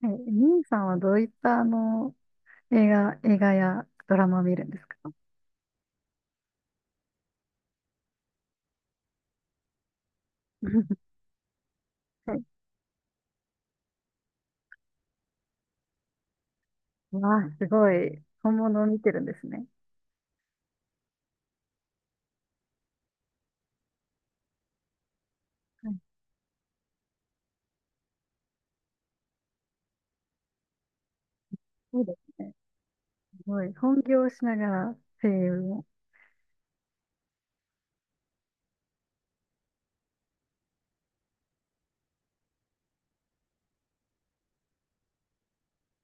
はい、兄さんはどういった映画やドラマを見るんですか？ はい。わあ、すごい。本物を見てるんですね。はい、そうですね。すごい。本業をしながら声優も。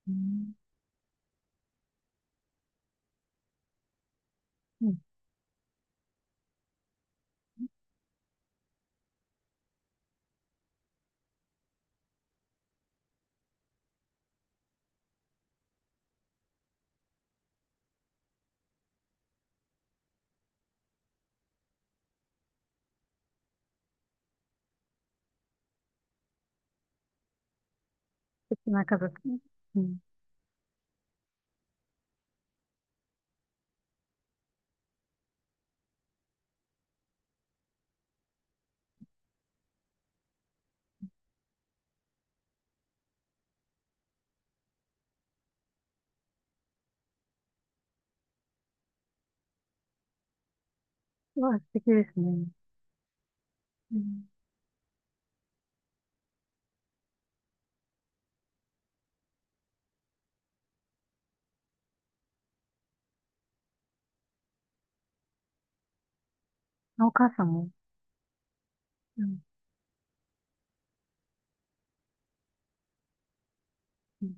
うん、うん、素敵な家族。うん。わあ、素敵ですね。うん、お母さんも。うん、うん、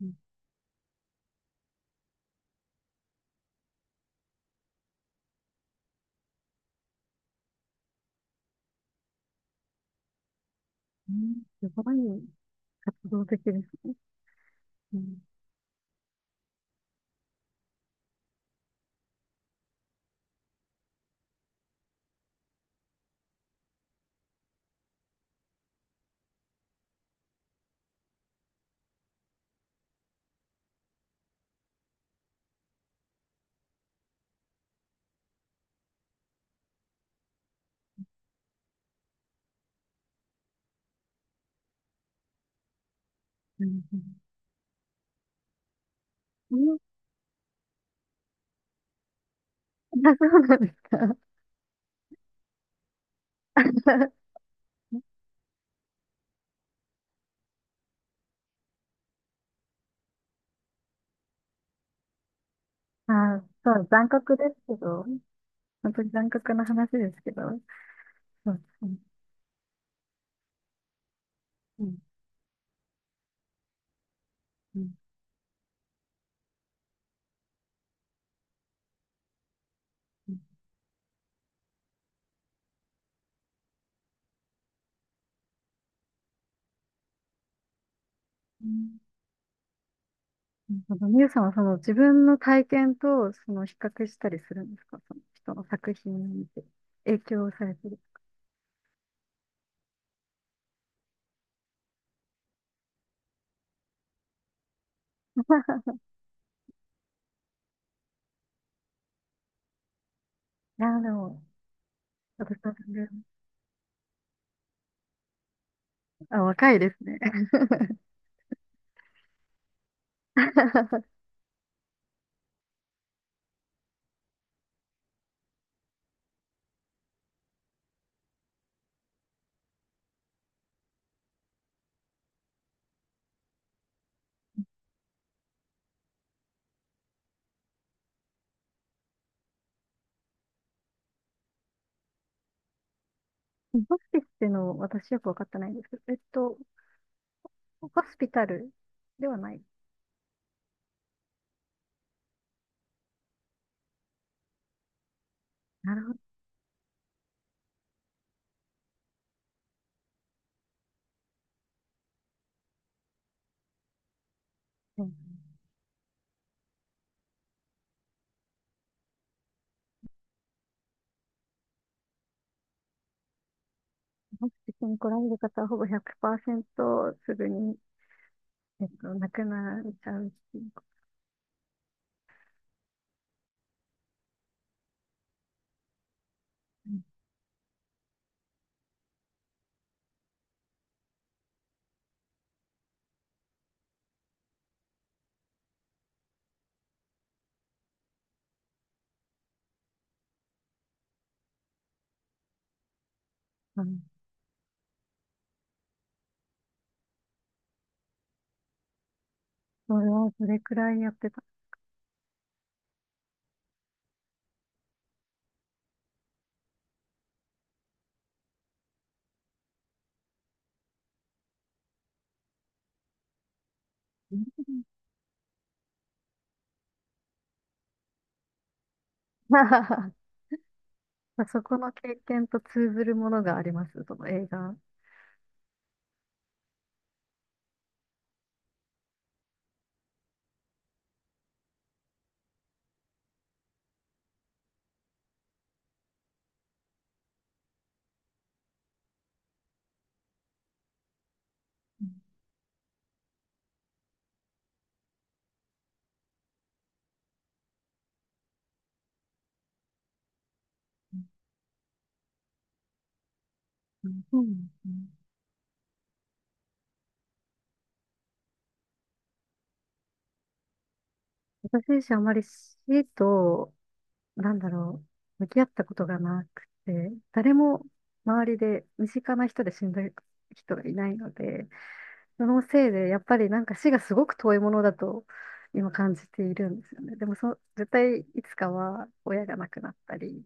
うん、うん、すごい、活動的ですね。うん、うん、うん。うん、あ、そうなんですか。あ、そう、残酷ですけど。本当に残酷な話ですけど。そう、うん、うん、うん、うん。うん、なるほど。みゆさんはその自分の体験とその比較したりするんですか？その人の作品を見て影響されてる。いやでも、私は全然。あ、若いですね。ホスピスっていうのを私よく分かってないんですけど、えっと、ホスピタルではない。なるほど。うん、ホスピスに来られる方はほぼ100%すぐに、えっと、亡くなっちゃうっていうこと。それはそれくらいやってた。うん。 そこの経験と通ずるものがあります、その映画。うん、そうなんですね。私自身あまり死と、なんだろ、向き合ったことがなくて、誰も周りで身近な人で死んだ人がいないので、そのせいでやっぱりなんか死がすごく遠いものだと今感じているんですよね。でもそ、絶対いつかは親が亡くなったり、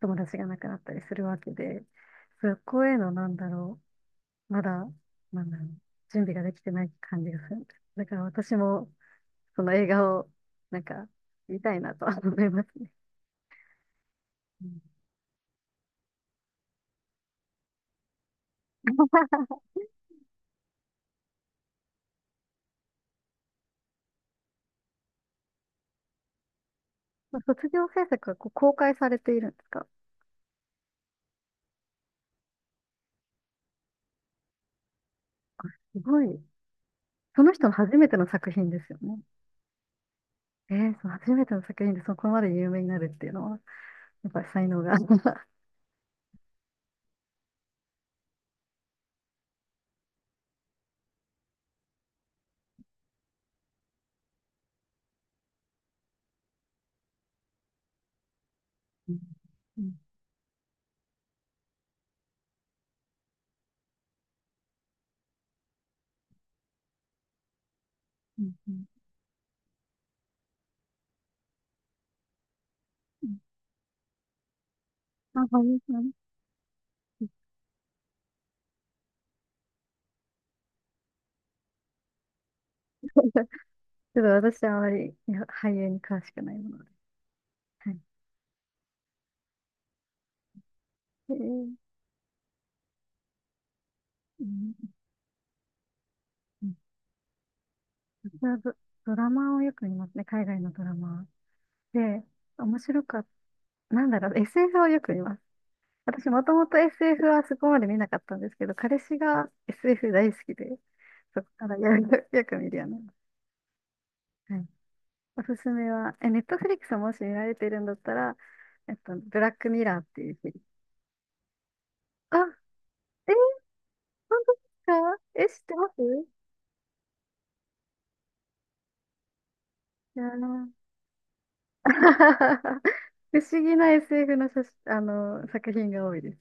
友達が亡くなったりするわけで、そこへのなんだろう、まだ、なんだろう、準備ができてない感じがするんです。だから私も、その映画を、なんか、見たいなとは 思いますね。うん、まあ卒業制作がこう公開されているんですか？すごい。その人の初めての作品ですよね。えー、その初めての作品でそこまで有名になるっていうのは、やっぱり才能が。うん、うん、うん、うん、うん、あ、俳優さん。ちょっと私はあまり、いや、俳優に詳しくないもので。はい。えー、うん、うん、私はド、ドラマをよく見ますね。海外のドラマ。で、面白かった。なんだろう、SF をよく見ます。私もともと SF はそこまで見なかったんですけど、彼氏が SF 大好きで、そこからよ、よく見るようになります。はい。おすすめは、え、ネットフリックスもし見られてるんだったら、えっと、ブラックミラーっていうフィ、あ、えー、本当ですか？え、知ってます？いやー 不思議な SF の写真、あの、作品が多いです。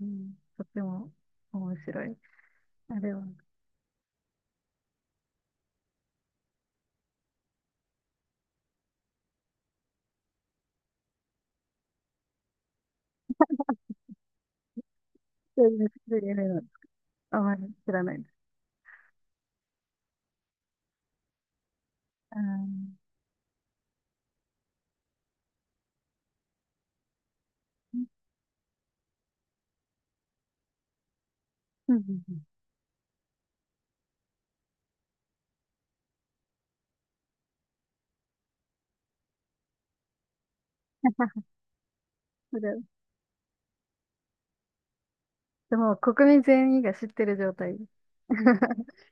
うん、とっても面白い。あれは、そうです、そういう夢なの。あまり知らないです。あー、うん、うん、うん、それ、でも国民全員が知ってる状態です。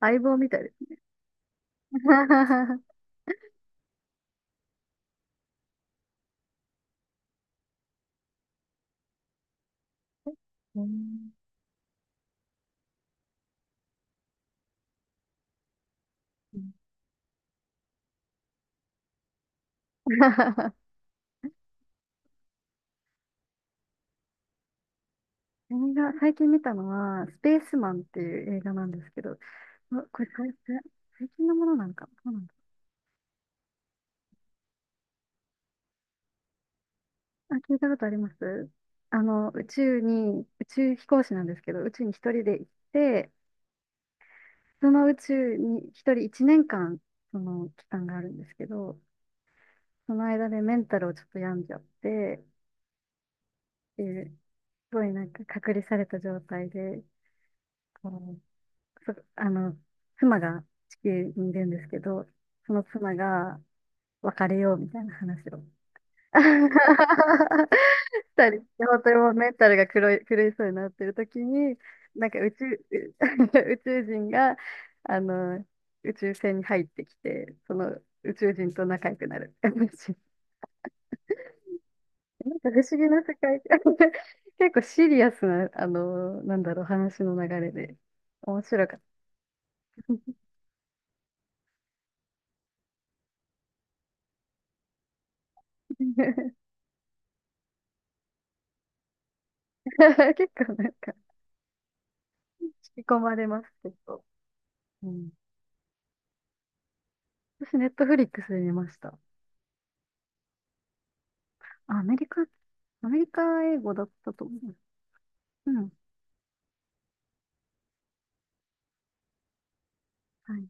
相棒みたいです。うん。 映画、最近見たのは、スペースマンっていう映画なんですけど、うわこれ、最近のものなのかな、どうなんだ。あ、聞いたことあります。あの、宇宙に、宇宙飛行士なんですけど、宇宙に一人で行って、その宇宙に一人一年間、その期間があるんですけど、その間でメンタルをちょっと病んじゃって、っていう、すごいなんか隔離された状態で、こう、そあの、妻が地球にいるんですけど、その妻が別れようみたいな話を。たり、本当にもうメンタルが狂いそうになってる時に、なんか宇宙、宇宙人が、あの、宇宙船に入ってきて、その宇宙人と仲良くなる。なんか不思議な世界。結構シリアスな、あの、なんだろう、話の流れで、面白かった。結構なんか、引き込まれます、結構。うん、私、ネットフリックスで見ました。あ、アメリカ、アメリカ英語だったと思う。うん。はい。